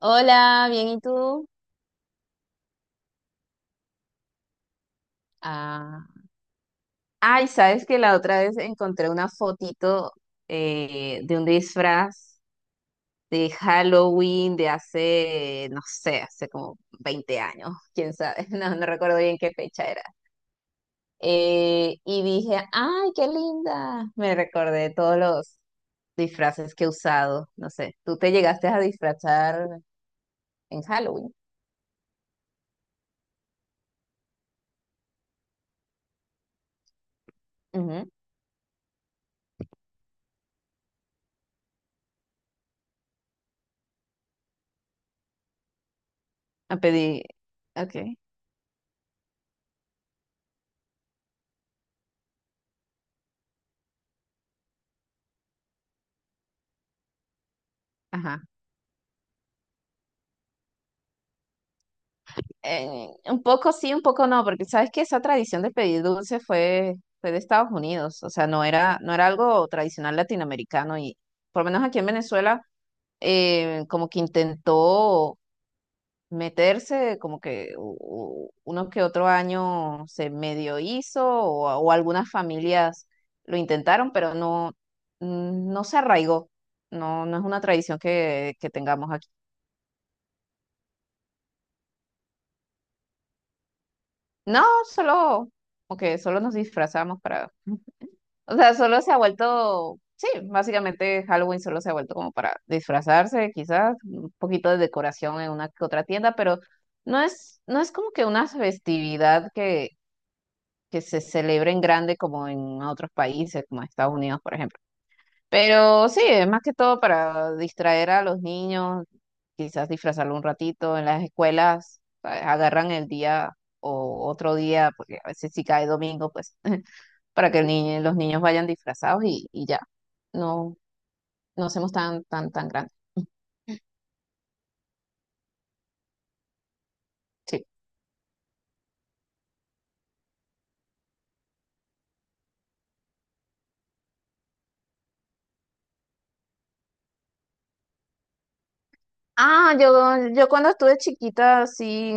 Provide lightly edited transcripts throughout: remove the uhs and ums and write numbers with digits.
Hola, bien, ¿y tú? Ah, ay, sabes que la otra vez encontré una fotito de un disfraz de Halloween de hace, no sé, hace como 20 años, quién sabe, no recuerdo bien qué fecha era. Y dije, ay, qué linda. Me recordé todos los disfraces que he usado, no sé, tú te llegaste a disfrazar en Halloween. Ujú. A pedir, ok, ajá. Un poco sí, un poco no, porque sabes que esa tradición de pedir dulce fue de Estados Unidos, o sea, no era algo tradicional latinoamericano y por lo menos aquí en Venezuela como que intentó meterse, como que uno que otro año se medio hizo o algunas familias lo intentaron, pero no, no se arraigó, no, no es una tradición que tengamos aquí. No, solo, como que solo nos disfrazamos para… O sea, solo se ha vuelto, sí, básicamente Halloween solo se ha vuelto como para disfrazarse, quizás, un poquito de decoración en una que otra tienda, pero no es como que una festividad que se celebre en grande como en otros países, como Estados Unidos, por ejemplo. Pero sí, es más que todo para distraer a los niños, quizás disfrazarlo un ratito. En las escuelas, ¿sabes? Agarran el día o otro día, porque a veces si cae domingo, pues, para que el los niños vayan disfrazados y ya. No, no hacemos tan, tan, tan grandes. Sí. Ah, yo cuando estuve chiquita, sí,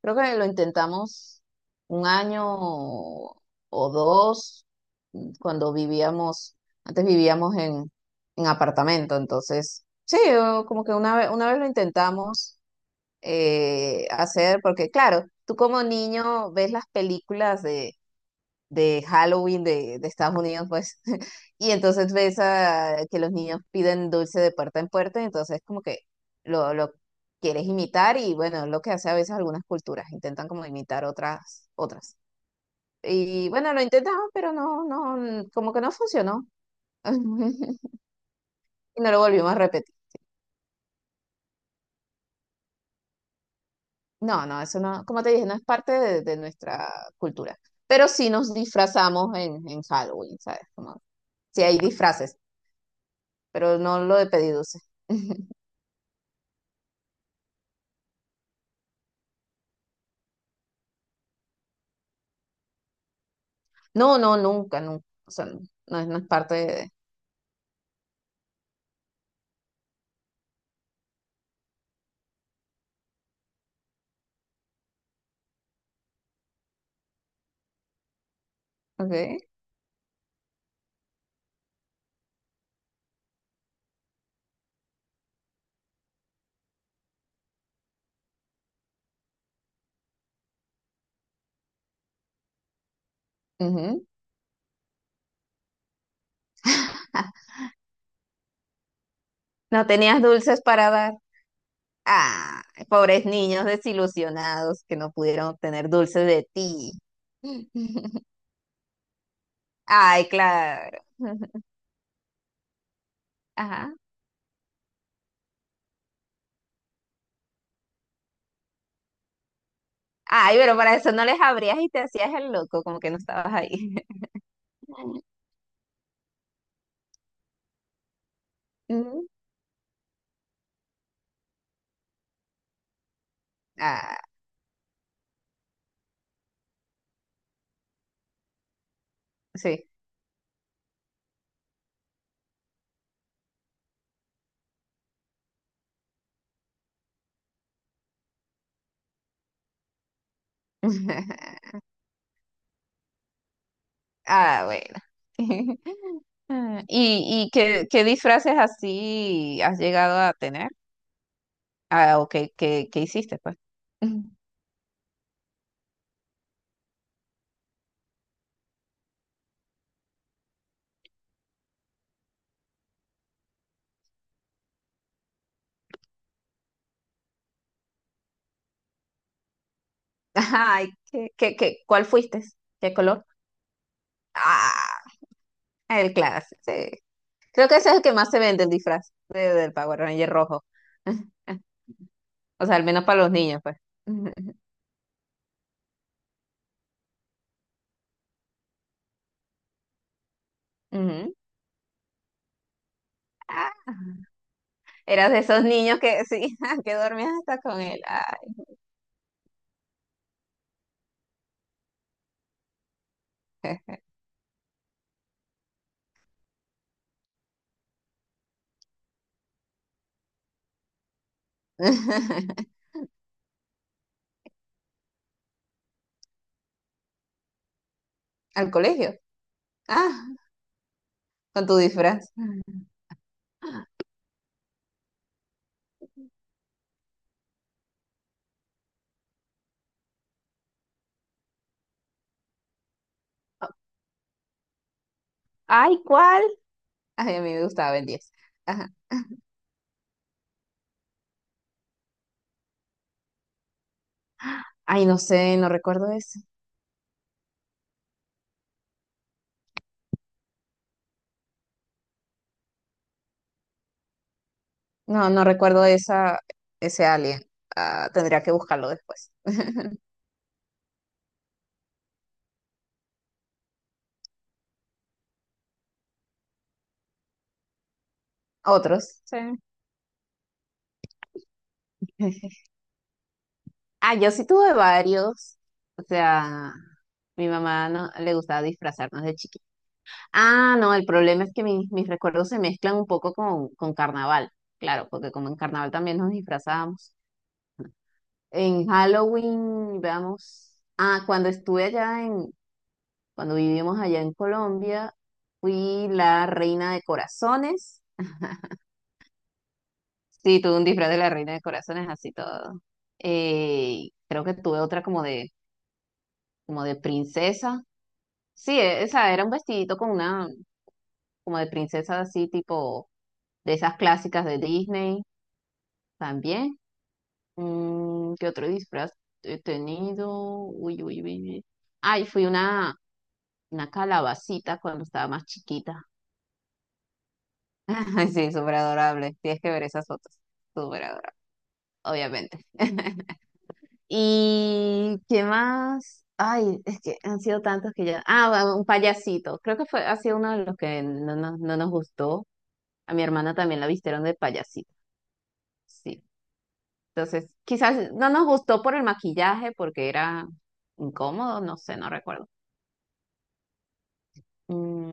creo que lo intentamos un año o dos, cuando vivíamos, antes vivíamos en apartamento, entonces, sí, o como que una vez lo intentamos hacer, porque claro, tú como niño ves las películas de Halloween de Estados Unidos, pues, y entonces ves a, que los niños piden dulce de puerta en puerta, entonces como que lo quieres imitar y bueno, es lo que hace a veces algunas culturas, intentan como imitar otras, otras. Y bueno, lo intentamos, pero no, no, como que no funcionó. Y no lo volvimos a repetir. No, no, eso no, como te dije, no es parte de nuestra cultura. Pero sí nos disfrazamos en Halloween, ¿sabes? Como, sí hay disfraces, pero no lo de pedir dulce. No, no, nunca, nunca. O sea, no, no es parte de... Okay. Ujú. No tenías dulces para dar. Ah, pobres niños desilusionados que no pudieron obtener dulces de ti. Ay, claro. Ajá. Ay, pero para eso no les abrías y te hacías el loco, como que no estabas ahí. Ujú. Ah, sí. Ah, bueno. ¿Y, y qué, qué disfraces así has llegado a tener? Ah, ok, ¿qué, qué hiciste, pues? Ujú. Ay, ¿qué, qué, qué? ¿Cuál fuiste? ¿Qué color? Ah, el clásico, sí. Creo que ese es el que más se vende, el disfraz de- del Power Ranger rojo. O sea, al menos para los niños, pues. Ujú. Ujú. Ah, eras de esos niños que, sí, que dormías hasta con él. Ay. Al colegio. Ah, con tu disfraz. Ay, ¿cuál? Ay, a mí me gustaba el diez. Ajá. Ay, no sé, no recuerdo eso. No recuerdo esa, ese alien. Ah, tendría que buscarlo después. Otros. Sí. Ah, yo sí tuve varios. O sea, mi mamá no le gustaba disfrazarnos de chiquita. Ah, no, el problema es que mis, mis recuerdos se mezclan un poco con carnaval. Claro, porque como en carnaval también nos disfrazábamos. En Halloween, veamos. Ah, cuando estuve allá en, cuando vivimos allá en Colombia, fui la reina de corazones. Sí, tuve un disfraz de la Reina de Corazones, así todo. Creo que tuve otra como como de princesa. Sí, esa era un vestidito con una, como de princesa así, tipo de esas clásicas de Disney también. ¿Qué otro disfraz he tenido? Uy, uy, uy, uy. Ay, fui una calabacita cuando estaba más chiquita. Ay, sí, súper adorable. Tienes que ver esas fotos. Súper adorable, obviamente. ¿Y qué más? Ay, es que han sido tantos que ya. Ah, bueno, un payasito. Creo que fue, ha sido uno de los que no, nos no nos gustó. A mi hermana también la vistieron de payasito. Sí. Entonces, quizás no nos gustó por el maquillaje, porque era incómodo, no sé, no recuerdo. Mm,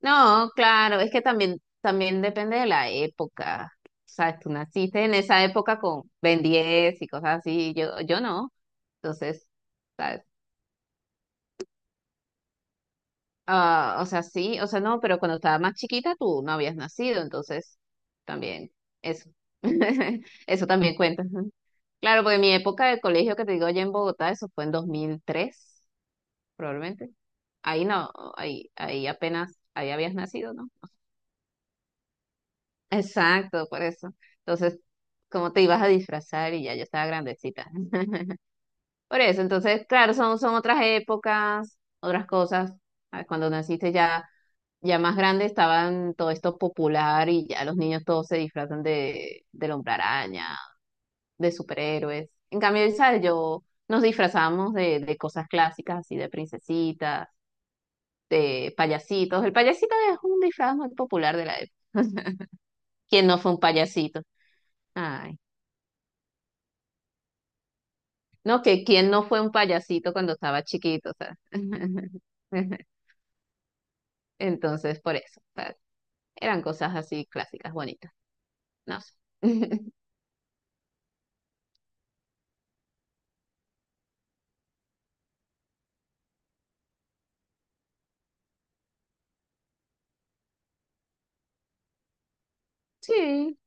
no, claro, es que también, también depende de la época. Sabes, tú naciste en esa época con Ben 10 y cosas así. Yo no. Entonces, ¿sabes? Ah, o sea, sí, o sea, no, pero cuando estaba más chiquita tú no habías nacido, entonces también eso. Eso también cuenta. Ujú. Claro, porque mi época de colegio que te digo allá en Bogotá, eso fue en 2003 probablemente. Ahí no, ahí, ahí apenas, ahí habías nacido, ¿no? Exacto, por eso. Entonces, ¿cómo te ibas a disfrazar? Y ya yo estaba grandecita. Por eso, entonces, claro, son, son otras épocas, otras cosas. Ah, cuando naciste ya… Ya más grande estaban todo esto popular y ya los niños todos se disfrazan del hombre araña, de superhéroes. En cambio, ¿sabes? Yo nos disfrazamos de cosas clásicas, así de princesitas, de payasitos. El payasito es un disfraz muy popular de la época. ¿Quién no fue un payasito? Ay, no, que quién no fue un payasito cuando estaba chiquito, o sea. Entonces, por eso, o sea, eran cosas así clásicas, bonitas. No sé. Sí,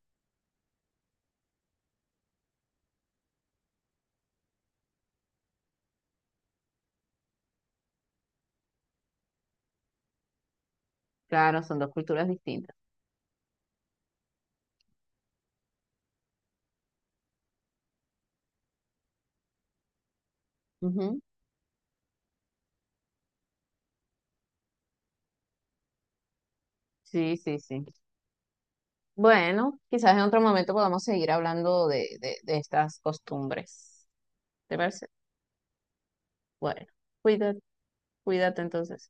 claro, son dos culturas distintas. Ujú. Sí, sí, sí. Bueno, quizás en otro momento podamos seguir hablando de estas costumbres. ¿Te parece? Bueno, cuídate, cuídate entonces.